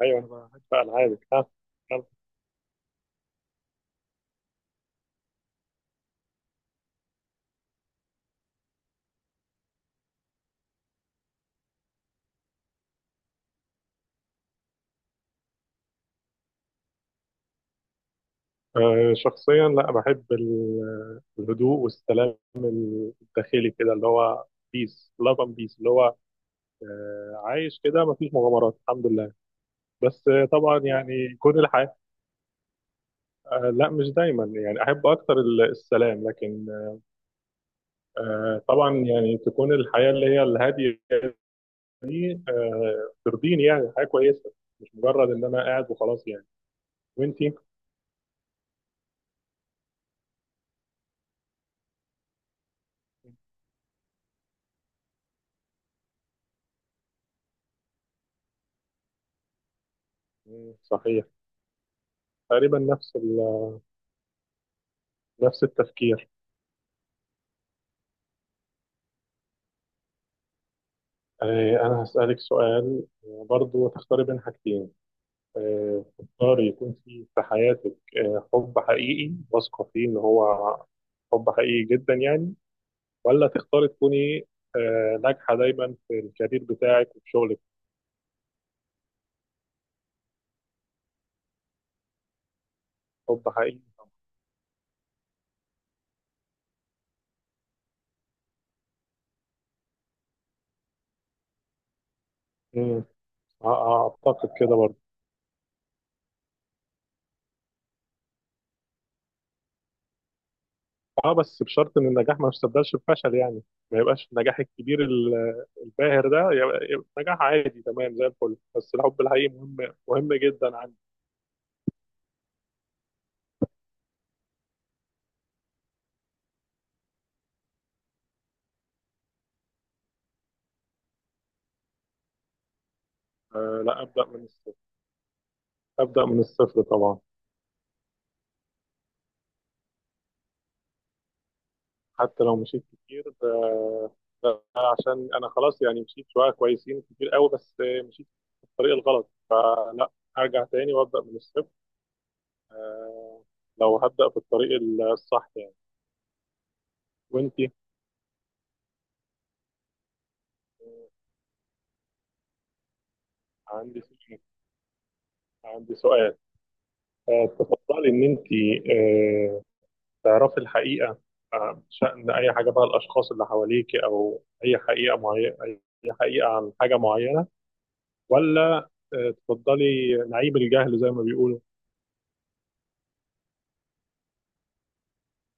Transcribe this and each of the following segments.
ايوه، انا بحب العابك ها. يلا. شخصيا لا بحب الهدوء والسلام الداخلي كده، اللي هو بيس لاف اند بيس، اللي هو عايش كده، مفيش مغامرات، الحمد لله. بس طبعا يعني كل الحياة. لا، مش دايما، يعني احب اكتر السلام، لكن طبعا يعني تكون الحياة اللي هي الهادية دي ترضيني، يعني حياة كويسة. مش مجرد ان انا قاعد وخلاص يعني. وانتي؟ مم، صحيح. تقريبا نفس نفس التفكير. أنا هسألك سؤال. برضو تختاري بين حاجتين. تختاري يكون في حياتك حب حقيقي واثقة فيه إن هو حب حقيقي جدا يعني، ولا تختاري تكوني ناجحة دايما في الكارير بتاعك وفي شغلك؟ حب حقيقي. مم. أعتقد كده برضو. بس بشرط إن النجاح ما يستبدلش بفشل يعني. ما يبقاش النجاح الكبير الباهر ده يبقى نجاح عادي تمام زي الفل. بس الحب الحقيقي مهم، مهم جدا. لا، أبدأ من الصفر. أبدأ من الصفر طبعا. حتى لو مشيت كتير ده عشان أنا خلاص يعني مشيت شوية كويسين كتير قوي، بس مشيت في الطريق الغلط، فلا، أرجع تاني وأبدأ من الصفر، لو هبدأ في الطريق الصح يعني. وأنتي؟ عندي سؤال، عندي سؤال. تفضلي إن أنتي آه تعرفي الحقيقة، شأن أي حاجة بقى، الأشخاص اللي حواليك، أو أي حقيقة معينة، أي حقيقة عن حاجة معينة، ولا تفضلي نعيب الجهل زي ما بيقولوا؟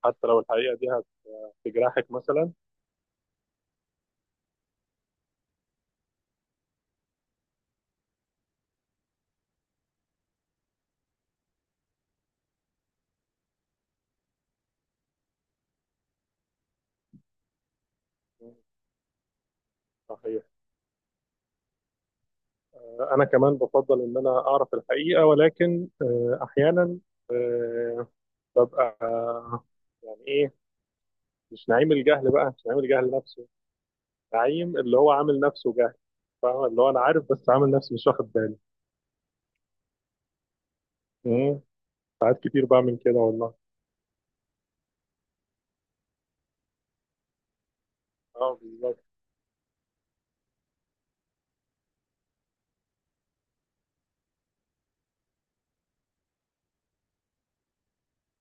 حتى لو الحقيقة دي هتجرحك مثلا؟ صحيح. أنا كمان بفضل إن أنا أعرف الحقيقة، ولكن أحيانا آه، ببقى يعني إيه، مش نعيم الجهل بقى، مش نعيم الجهل نفسه، نعيم اللي هو عامل نفسه جهل. فاهم؟ اللي هو أنا عارف بس عامل نفسي مش واخد بالي. مم. ساعات كتير بعمل كده والله. اه، بالظبط.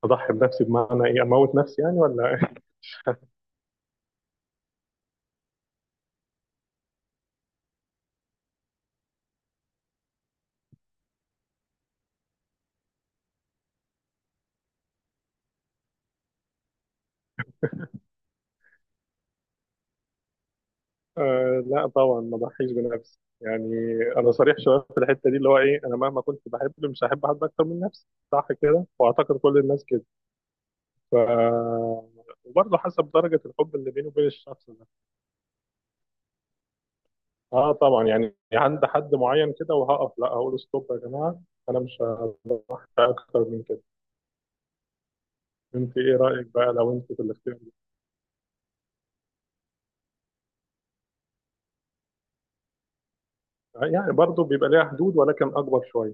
أضحي بنفسي بمعنى إيه؟ أموت نفسي يعني، ولا؟ لا طبعا، ما ضحيش بنفسي يعني. انا صريح شويه في الحته دي، اللي هو ايه، انا مهما كنت بحب، مش هحب حد اكتر من نفسي. صح كده، واعتقد كل الناس كده. ف وبرضه حسب درجه الحب اللي بيني وبين الشخص ده. اه طبعا، يعني عند حد معين كده وهقف، لا هقول ستوب يا جماعه. انا مش هحب اكتر من كده. انت ايه رايك بقى لو انت في الاختيار ده؟ يعني برضه بيبقى ليها حدود، ولكن اكبر شويه.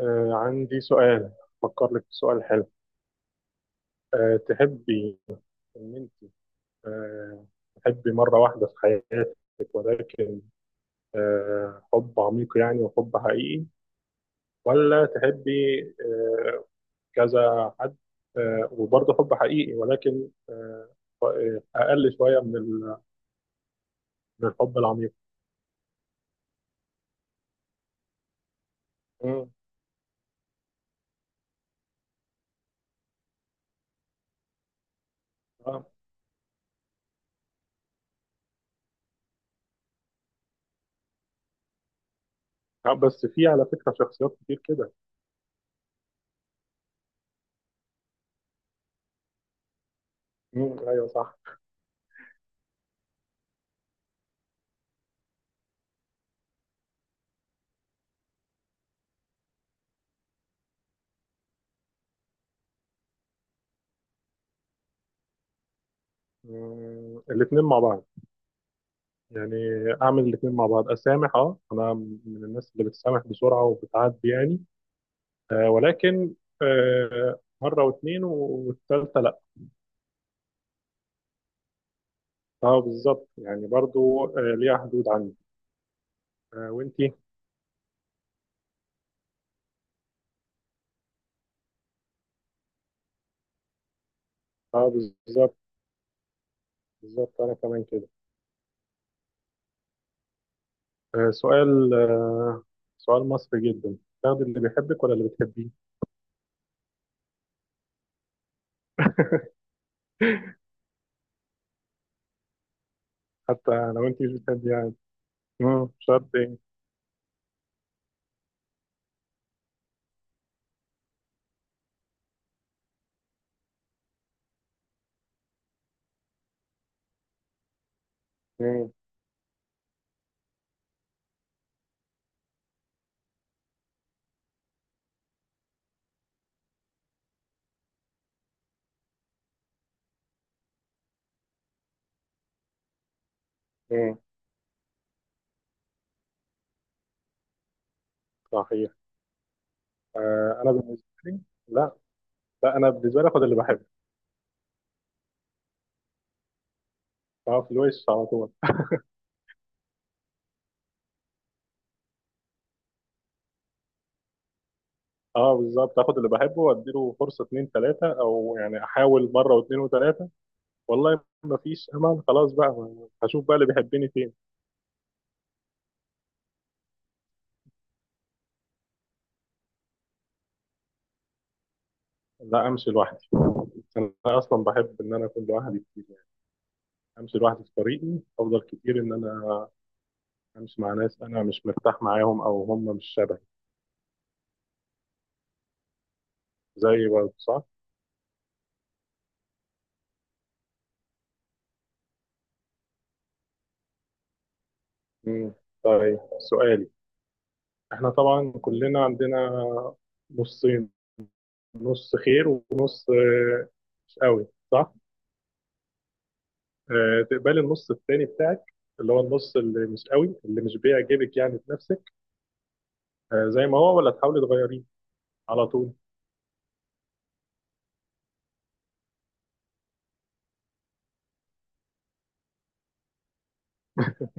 عندي سؤال. فكر لك في سؤال حلو. تحبي ان انت آه، حبي مرة واحدة في حياتك، ولكن حب عميق يعني وحب حقيقي، ولا تحبي آه، كذا حد، وبرضه حب حقيقي، ولكن أقل شوية من الحب العميق؟ مم. آه. بس في على فكرة شخصيات كتير كده. مم. أيوه صح. مم. الاتنين مع بعض، يعني أعمل الاتنين مع بعض، أسامح. أنا من الناس اللي بتسامح بسرعة وبتعدي، يعني ولكن مرة واثنين والثالثة لا. اه بالظبط، يعني برضو ليها حدود عندي. وانتي؟ اه بالظبط. بالظبط، انا كمان كده. سؤال، سؤال مصري جدا. تاخدي اللي بيحبك ولا اللي بتحبيه؟ حتى لو انت مش بتحبي يعني؟ مم، شرط ايه؟ مم، مم، صحيح. انا بالنسبة لي، لا. لا، انا بالنسبة لي اخد اللي بحبه. اه، في الوش على طول. اه بالظبط، اخد اللي بحبه واديله فرصة اتنين تلاتة، او يعني احاول مرة واتنين وتلاتة. والله ما فيش امل خلاص بقى، هشوف بقى اللي بيحبني فين. لا، امشي لوحدي. انا اصلا بحب ان انا اكون لوحدي كتير يعني. امشي لوحدي في طريقي، افضل كتير ان انا امشي مع ناس انا مش مرتاح معاهم، او هم مش شبهي. زي برضه، صح. مم. طيب، سؤالي: احنا طبعا كلنا عندنا نصين، نص خير ونص مش قوي، صح. تقبلي النص التاني بتاعك، اللي هو النص اللي مش قوي، اللي مش بيعجبك يعني في نفسك، زي ما هو، ولا تحاولي تغيريه على طول؟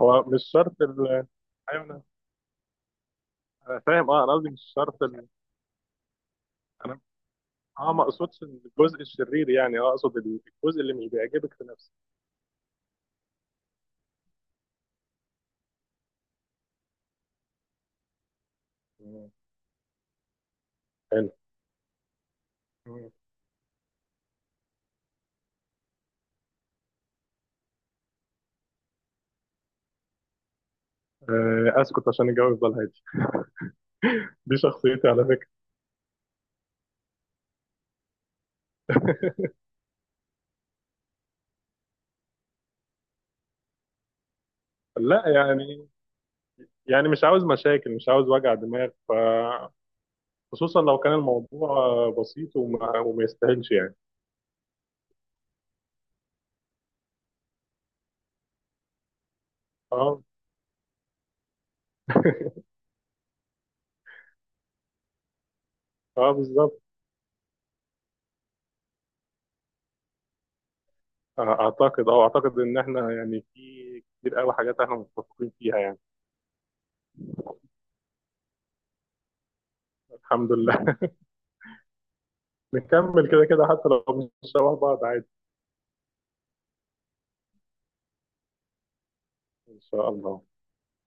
هو مش شرط ايوه، انا. أنا فاهم. اه انا قصدي مش شرط انا. اه ما اقصدش الجزء الشرير يعني، اقصد الجزء اللي مش بيعجبك في نفسك. مم. حلو. مم. اسكت عشان الجو يفضل هادي. دي شخصيتي على فكره. لا يعني، يعني مش عاوز مشاكل، مش عاوز وجع دماغ، خصوصا لو كان الموضوع بسيط وما يستاهلش يعني. اه. اه بالظبط. اعتقد ان احنا يعني في كتير قوي حاجات احنا متفقين فيها يعني. الحمد لله، نكمل كده كده، حتى لو مش شبه بعض، عادي. ان شاء الله.